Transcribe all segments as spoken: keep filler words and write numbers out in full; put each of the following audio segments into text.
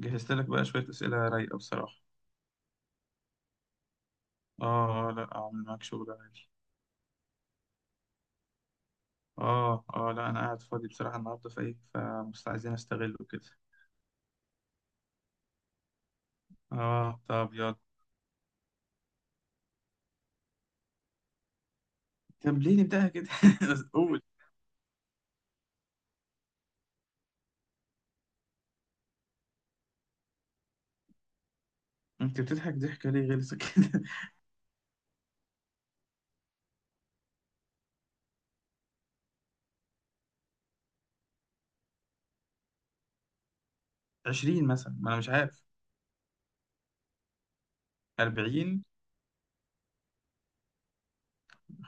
جهزت لك بقى شوية أسئلة رايقة بصراحة. آه آه، لا أعمل معاك شغل عادي. آه آه لا أنا قاعد فاضي بصراحة النهاردة فإيه فمست عايزين أستغله كده. آه طب يلا. طب ليه نبدأها كده؟ قول. أنت بتضحك ضحكة ليه غلسة كده؟ عشرين مثلا، ما أنا مش عارف. أربعين.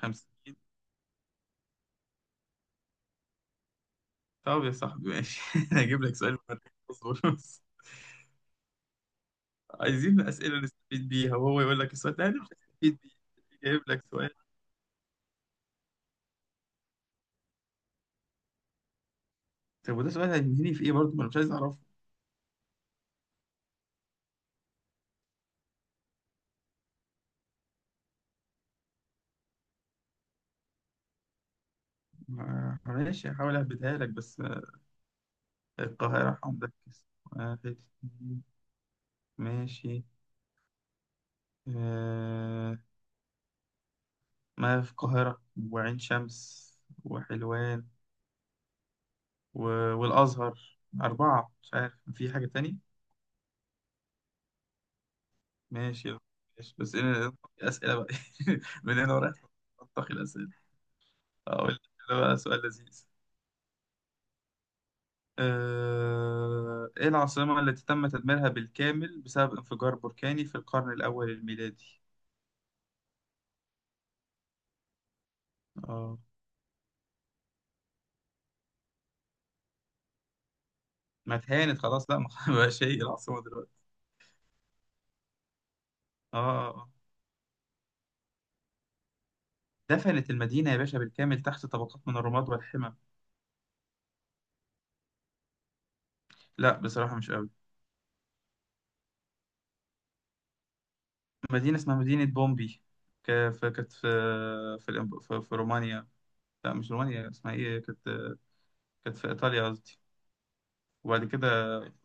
خمسين. طب يا صاحبي ماشي، أنا هجيب لك سؤال مفرق. اصبر بس. عايزين أسئلة نستفيد بيها، وهو يقول لك السؤال ده أنا مش هستفيد بيه. جايب لك سؤال. طب وده سؤال هينهيني في إيه برضه؟ ما أنا مش عايز أعرفه. ما- ماشي، هحاول أهبدها لك بس. آه، القاهرة هنركز. واحد، اتنين، ماشي، آه. ما في القاهرة، وعين شمس، وحلوان، و... والأزهر. أربعة، مش عارف في حاجة تاني. ماشي. ماشي بس أنا أسئلة بقى، من هنا ورايح أنتقي الأسئلة. أقول لك، ده بقى سؤال لذيذ. آه... إيه العاصمة التي تم تدميرها بالكامل بسبب انفجار بركاني في القرن الأول الميلادي؟ آه ما اتهانت خلاص، لا ما بقاش هي العاصمة دلوقتي. اه، آه، آه. دفنت المدينة يا باشا بالكامل تحت طبقات من الرماد والحمم. لا بصراحة مش قوي. مدينة اسمها مدينة بومبي. ك- ف- كانت في في, الإم- في في رومانيا. لا مش رومانيا، اسمها ايه كانت؟ كانت في إيطاليا قصدي. وبعد كده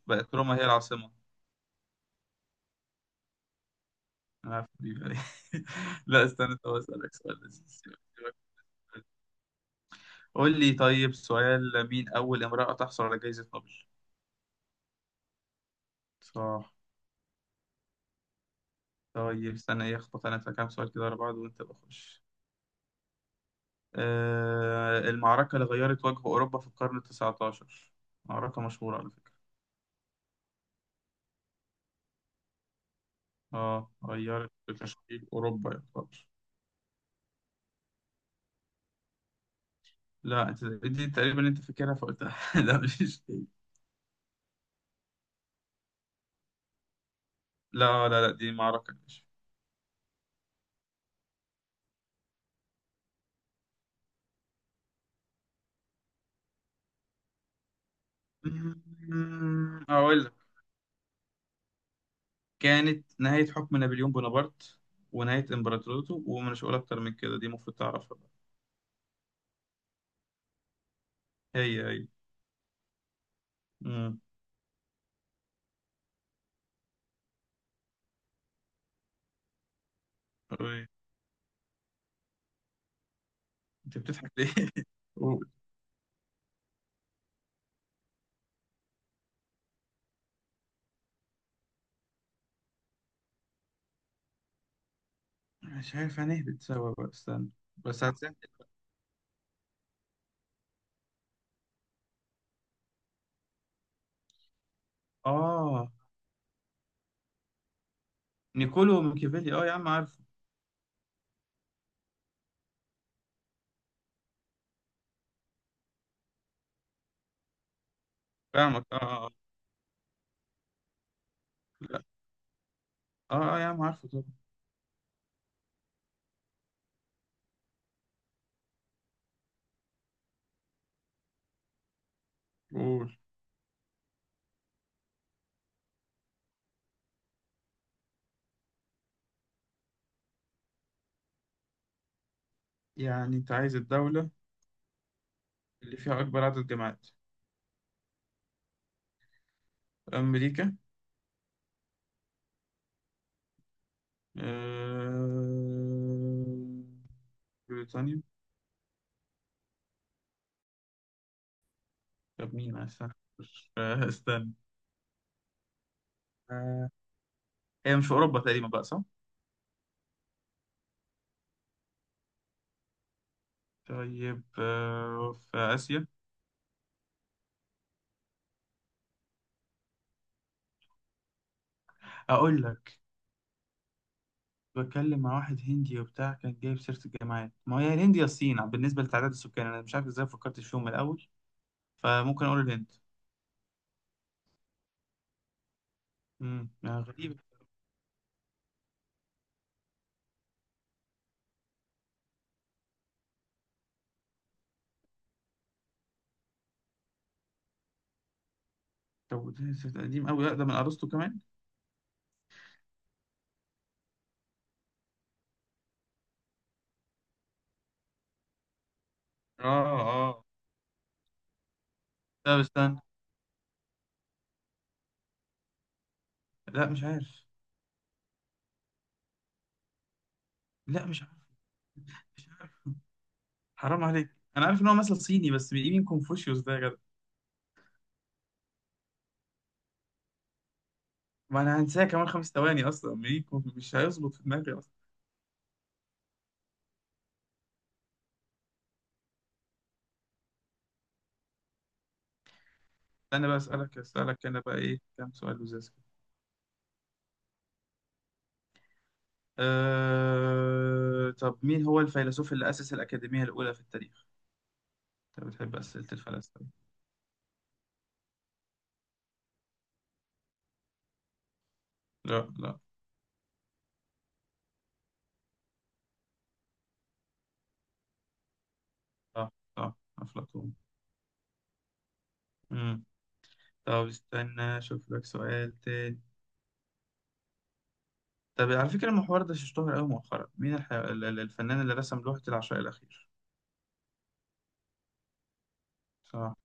بقت روما هي العاصمة. أنا عارف دي. لا استنى، طب أسألك سؤال لذيذ. سيبك- سيبك. قول لي طيب سؤال، مين أول امرأة تحصل على جائزة نوبل؟ صح. طيب استنى، ايه اخبط انا في كام سؤال كده ورا بعض وانت بخش. آه، المعركة اللي غيرت وجه أوروبا في القرن التسعتاشر، معركة مشهورة على فكرة. اه، غيرت في تشكيل أوروبا يعتبر. لا انت دي تقريبا انت فاكرها فقلتها، لا مش دي. لا لا لا، دي معركة مش... أمم، أقول لك، كانت نهاية حكم نابليون بونابرت ونهاية إمبراطوريته، ومش هقول أكتر من كده، دي المفروض تعرفها بقى. هي هي. مم. أوي. انت بتضحك ليه؟ مش عارف هنهبط سوا بقى، استنى. بس هتسهل. اه. نيكولو وميكافيلي، اه يا عم عارفه. فاهمك، اه اه آه. لا. اه اه يا عم عارفه طبعا. قول. يعني انت عايز الدولة اللي فيها أكبر عدد جامعات. أمريكا. آه... بريطانيا. طب مين؟ استنى. آه، استنى. آه... هي مش في أوروبا تقريبا بقى، صح؟ طيب، آه... في آسيا. أقول لك، بتكلم مع واحد هندي وبتاع كان جايب سيرة الجامعات، ما هي الهند يا الصين بالنسبة لتعداد السكان، أنا مش عارف إزاي فكرتش فيهم من الأول. فممكن أقول الهند. امم، يعني غريب. طب ده سيرة قديم أوي، أقدم من أرسطو كمان. اه اه. لا استنى، لا مش عارف. لا مش عارف. مش عارف. حرام عليك. أنا عارف إن هو مثل صيني، بس من مين كونفوشيوس ده يا جدع؟ ما أنا هنساه كمان خمس ثواني أصلا، مين كونف- مش هيظبط في دماغي أصلا. أنا بقى أسألك، أسألك أنا بقى إيه كام سؤال لزاز. أه... طب مين هو الفيلسوف اللي أسس الأكاديمية الأولى في التاريخ؟ أنت بتحب أسئلة الفلاسفة. لا لا. صح. صح أفلاطون. مم. طب استنى أشوف لك سؤال تاني. طب على فكرة المحور ده اشتهر أوي مؤخرا. مين الح... ال- ال- الفنان اللي رسم لوحة العشاء الأخير؟ صح.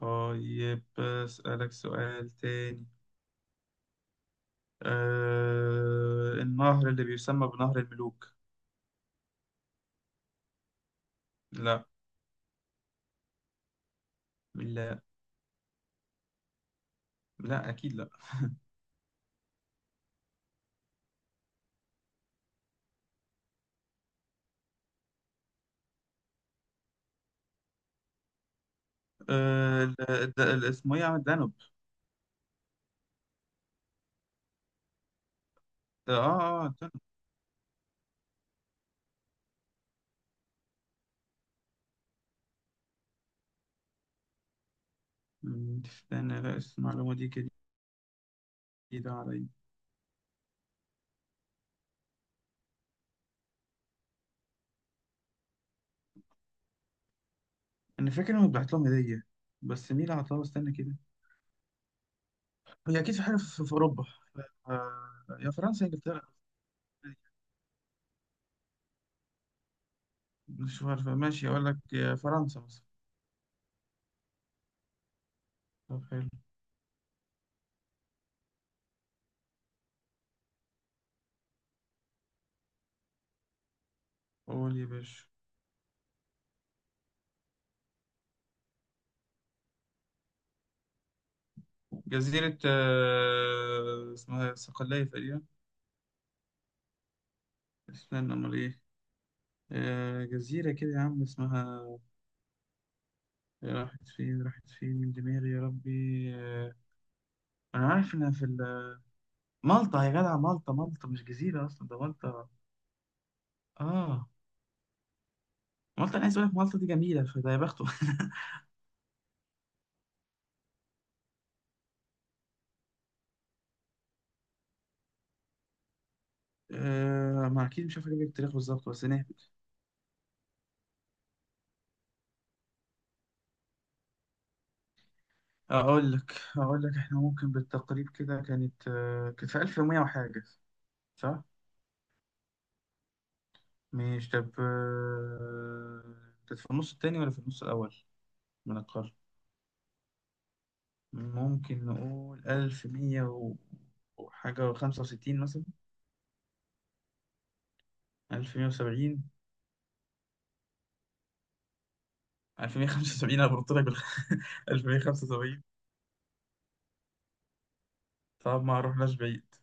طيب أسألك سؤال تاني. أه... النهر اللي بيسمى بنهر الملوك. لا. لا. لا أكيد لا. أه... ال- ال- ال- اسمه إيه يا عم، الدانوب؟ اه اه آه. مم، استنى، لا بس المعلومة دي جديدة عليا. أنا فاكر إنه بعت لهم هدية، بس مين اللي عطاها؟ استنى كده. هي أكيد في حاجة في في أوروبا. آه، يا فرنسا يا إنجلترا. مش عارفة، ماشي أقول لك يا فرنسا مثلا. طب حلو. قول يا باشا. جزيرة آه، اسمها صقلية تقريبا. استنى أمال إيه. آه، جزيرة كده يا عم اسمها... راحت فين، راحت فين من دماغي يا ربي؟ آه، أنا عارف إنها في ال- مالطا يا جدع، مالطا، مالطا، مش جزيرة أصلا ده مالطا. اه. مالطا انا عايز اقول لك مالطا دي جميله، فده يا بخته. آه ما اكيد مش عارف اجيب لك التاريخ بالظبط، بس نهبط. اقول لك، اقول لك احنا ممكن بالتقريب كده، كانت آه كانت في ألف ومية وحاجه. صح. مش طب آه، كانت في النص التاني ولا في النص الاول من القرن؟ ممكن نقول ألف ومية و- وحاجه، وخمسة وستين مثلا. ألف مية وسبعين. ألف مية وخمسة وسبعين انا بنط لك بال... ألف مية وخمسة وسبعين. طب ما رحناش بعيد.